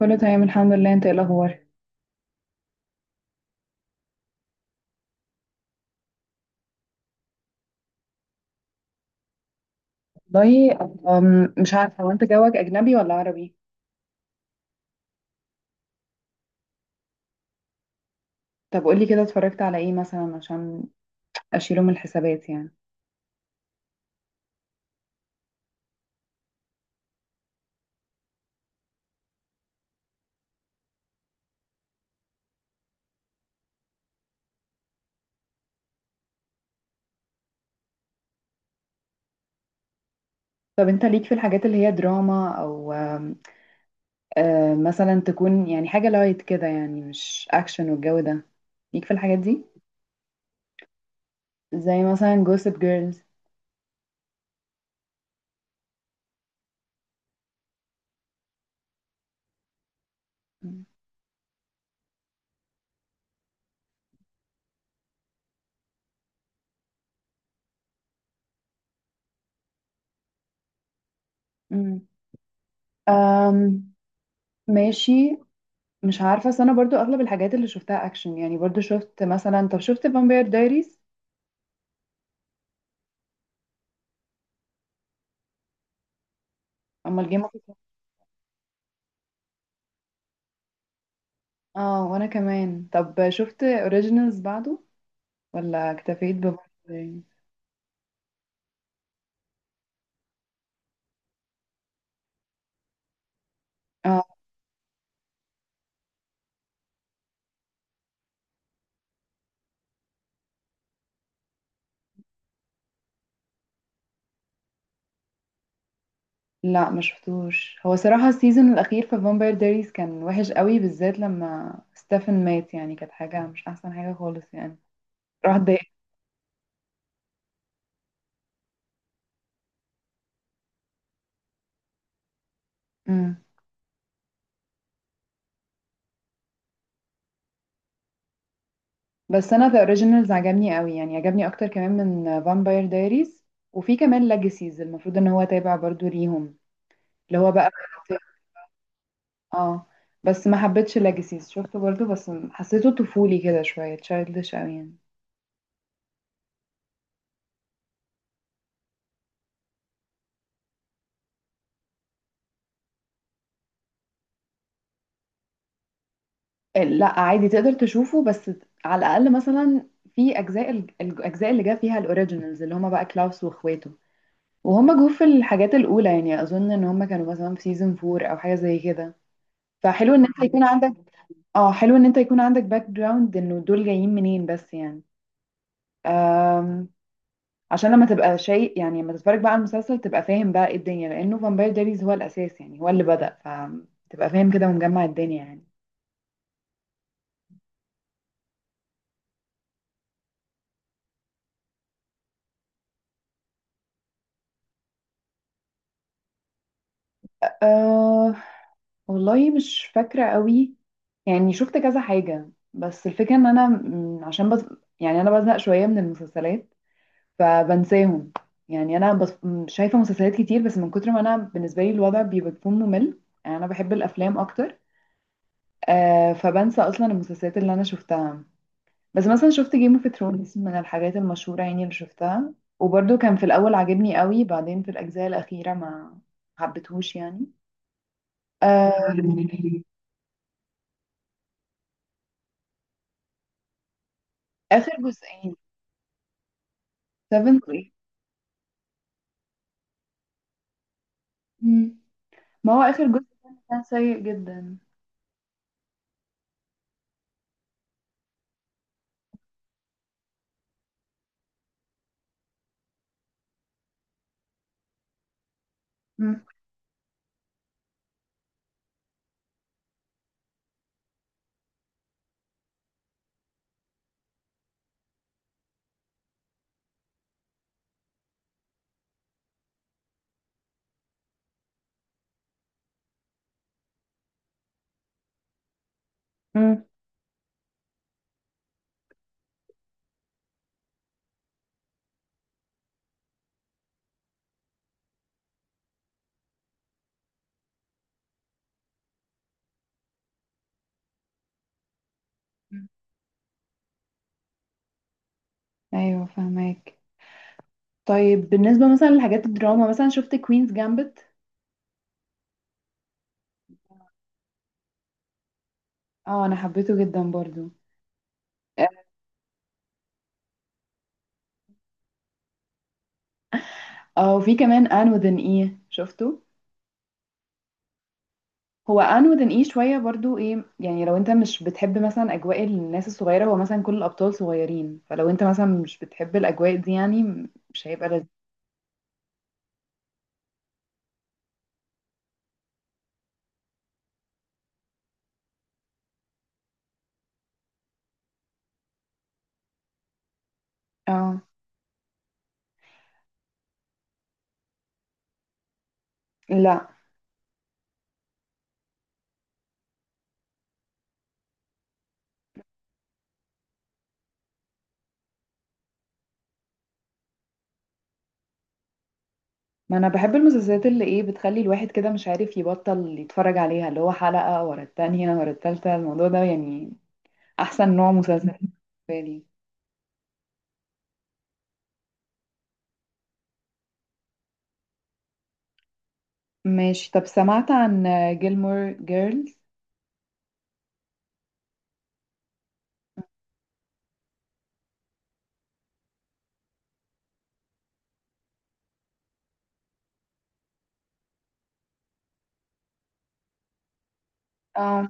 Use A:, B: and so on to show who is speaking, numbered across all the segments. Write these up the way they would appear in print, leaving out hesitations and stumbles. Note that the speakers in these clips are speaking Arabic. A: كله تمام الحمد لله، انت ايه الاخبار؟ والله مش عارفه هو انت جوك اجنبي ولا عربي؟ طب قولي كده اتفرجت على ايه مثلا عشان اشيله من الحسابات يعني. طب انت ليك في الحاجات اللي هي دراما او أم، آه، مثلا تكون يعني حاجه لايت كده، يعني مش اكشن والجو ده، ليك في الحاجات دي؟ زي مثلا جوسب جيرلز. مم. أم ماشي. مش عارفه، بس انا برضو اغلب الحاجات اللي شفتها اكشن، يعني برضو شفت مثلا، طب شفت فامباير دايريز؟ اما الجيم. اه وانا كمان، طب شفت اوريجينالز بعده ولا اكتفيت بفامباير؟ اه لا ما شفتوش، هو صراحة السيزون الاخير في فامباير دايريز كان وحش قوي، بالذات لما ستيفن مات، يعني كانت حاجة مش احسن حاجة خالص يعني، راح ضايق. امم. بس انا ذا اوريجينالز عجبني قوي، يعني عجبني اكتر كمان من فامباير دايريز. وفي كمان ليجاسيز المفروض ان هو تابع برضو ليهم، اللي هو بقى. اه بس ما حبيتش ليجاسيز، شفته برضو بس حسيته طفولي كده شوية، تشايلدش قوي يعني. لا عادي تقدر تشوفه، بس على الاقل مثلا في اجزاء الاجزاء اللي جا فيها الاوريجينالز، اللي هما بقى كلاوس واخواته، وهم جو في الحاجات الاولى. يعني اظن ان هم كانوا مثلا في سيزون فور او حاجه زي كده. فحلو ان انت يكون عندك، اه، حلو ان انت يكون عندك باك جراوند انه دول جايين منين بس يعني. أم... عشان لما تبقى شيء، يعني لما تتفرج بقى على المسلسل تبقى فاهم بقى ايه الدنيا، لانه فامباير دايريز هو الاساس يعني، هو اللي بدأ، فتبقى فاهم كده ومجمع الدنيا يعني. آه، والله مش فاكرة قوي، يعني شفت كذا حاجة، بس الفكرة ان عشان بس، يعني انا بزهق شوية من المسلسلات فبنساهم. يعني انا بس شايفة مسلسلات كتير، بس من كتر ما انا، بالنسبة لي الوضع بيبقى بيكون ممل، يعني انا بحب الافلام اكتر. آه، فبنسى اصلا المسلسلات اللي انا شفتها. بس مثلا شفت جيم اوف ثرونز من الحاجات المشهورة يعني اللي شفتها، وبرده كان في الاول عاجبني قوي، بعدين في الاجزاء الاخيرة ما حبيتهوش يعني. آه اخر جزئين، سفن ايه. مم. ما هو آخر جزء كان كان سيء جدا. مم. مم. مم. أيوه فهماك. طيب بالنسبة مثلا لحاجات الدراما، مثلا شفت كوينز جامبت؟ اه أنا حبيته جدا برضو. اه وفي كمان ان وذن ايه، شفته؟ هو ان وذن ايه شوية برضو ايه، يعني لو انت مش بتحب مثلا أجواء الناس الصغيرة، هو مثلا كل الأبطال صغيرين، فلو انت مثلا مش بتحب الأجواء دي يعني مش هيبقى لذيذ. اه لا. ما انا بحب المسلسلات اللي ايه، بتخلي الواحد كده مش عارف يبطل يتفرج عليها، اللي هو حلقة ورا التانية ورا التالتة، الموضوع ده يعني احسن نوع مسلسل بالنسبة لي. ماشي. طب سمعت عن جيلمور جيرلز؟ اه.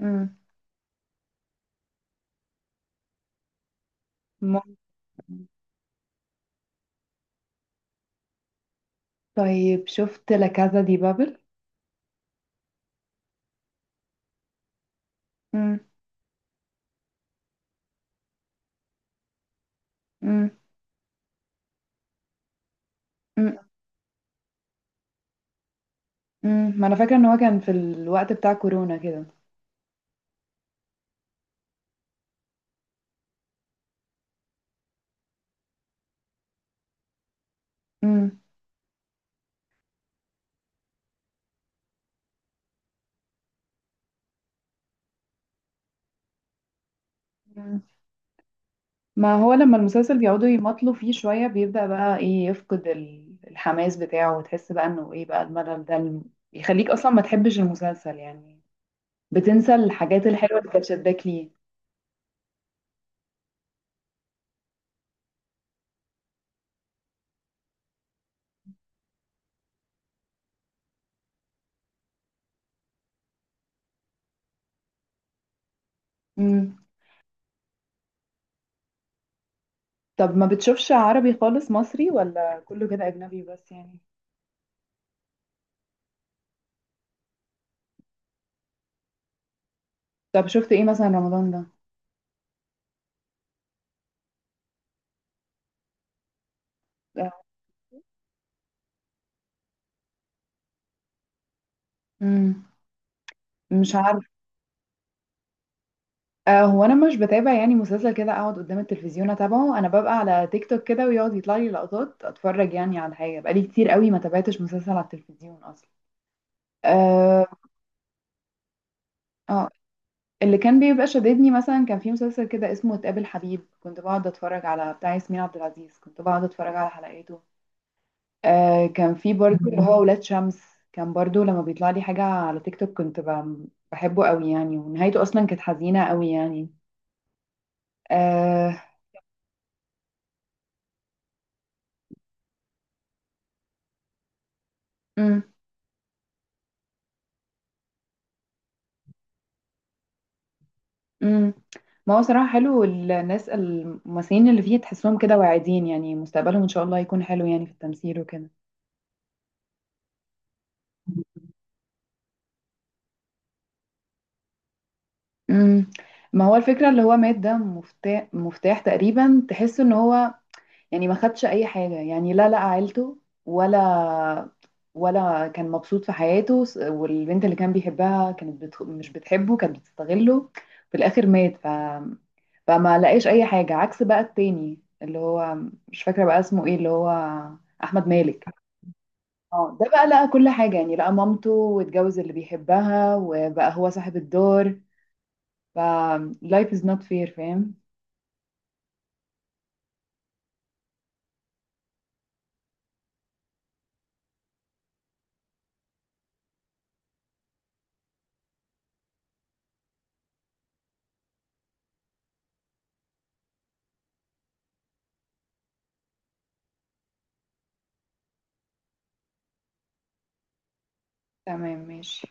A: امم. ممكن. طيب شفت لا كازا دي بابل؟ امم. امم. امم. أمم. ما انا فاكرة ان هو كان في الوقت بتاع كورونا كده. امم. ما هو لما المسلسل بيقعدوا يمطلوا فيه شوية، بيبدأ بقى ايه، يفقد الحماس بتاعه، وتحس بقى انه ايه، بقى الملل ده يخليك اصلا ما تحبش المسلسل يعني، بتنسى الحاجات الحلوة اللي كانت شداك ليه. امم. طب ما بتشوفش عربي خالص مصري، ولا كله كده اجنبي بس يعني؟ طب شفت ايه مثلا رمضان ده؟ آه. امم. مش عارف. آه، هو انا مش بتابع يعني مسلسل كده اقعد قدام التلفزيون اتابعه، انا ببقى على تيك توك كده ويقعد يطلع لي لقطات، اتفرج يعني على حاجه، بقالي كتير قوي ما تابعتش مسلسل على التلفزيون اصلا. اه. آه. اللي كان بيبقى شددني، مثلا كان في مسلسل كده اسمه تقابل حبيب، كنت بقعد اتفرج على بتاع ياسمين عبد العزيز، كنت بقعد اتفرج على حلقاته. آه كان في برضو اللي هو ولاد شمس، كان برضو لما بيطلع لي حاجة على تيك توك، كنت بحبه قوي يعني، ونهايته اصلا كانت حزينة قوي يعني. آه. أم، أم. ما هو صراحة حلو، الناس الممثلين اللي فيه تحسهم كده واعدين، يعني مستقبلهم ان شاء الله يكون حلو يعني في التمثيل وكده. امم. ما هو الفكرة اللي هو مات ده مفتاح تقريبا، تحس ان هو يعني ما خدش اي حاجة، يعني لا لقى عيلته ولا، ولا كان مبسوط في حياته، والبنت اللي كان بيحبها كانت مش بتحبه، كانت بتستغله، في الاخر مات ف... فما لقاش اي حاجة، عكس بقى التاني اللي هو، مش فاكرة بقى اسمه ايه، اللي هو احمد مالك. اه ده بقى لقى كل حاجة، يعني لقى مامته واتجوز اللي بيحبها وبقى هو صاحب الدار. ف life is not fair، فاهم؟ تمام ماشي.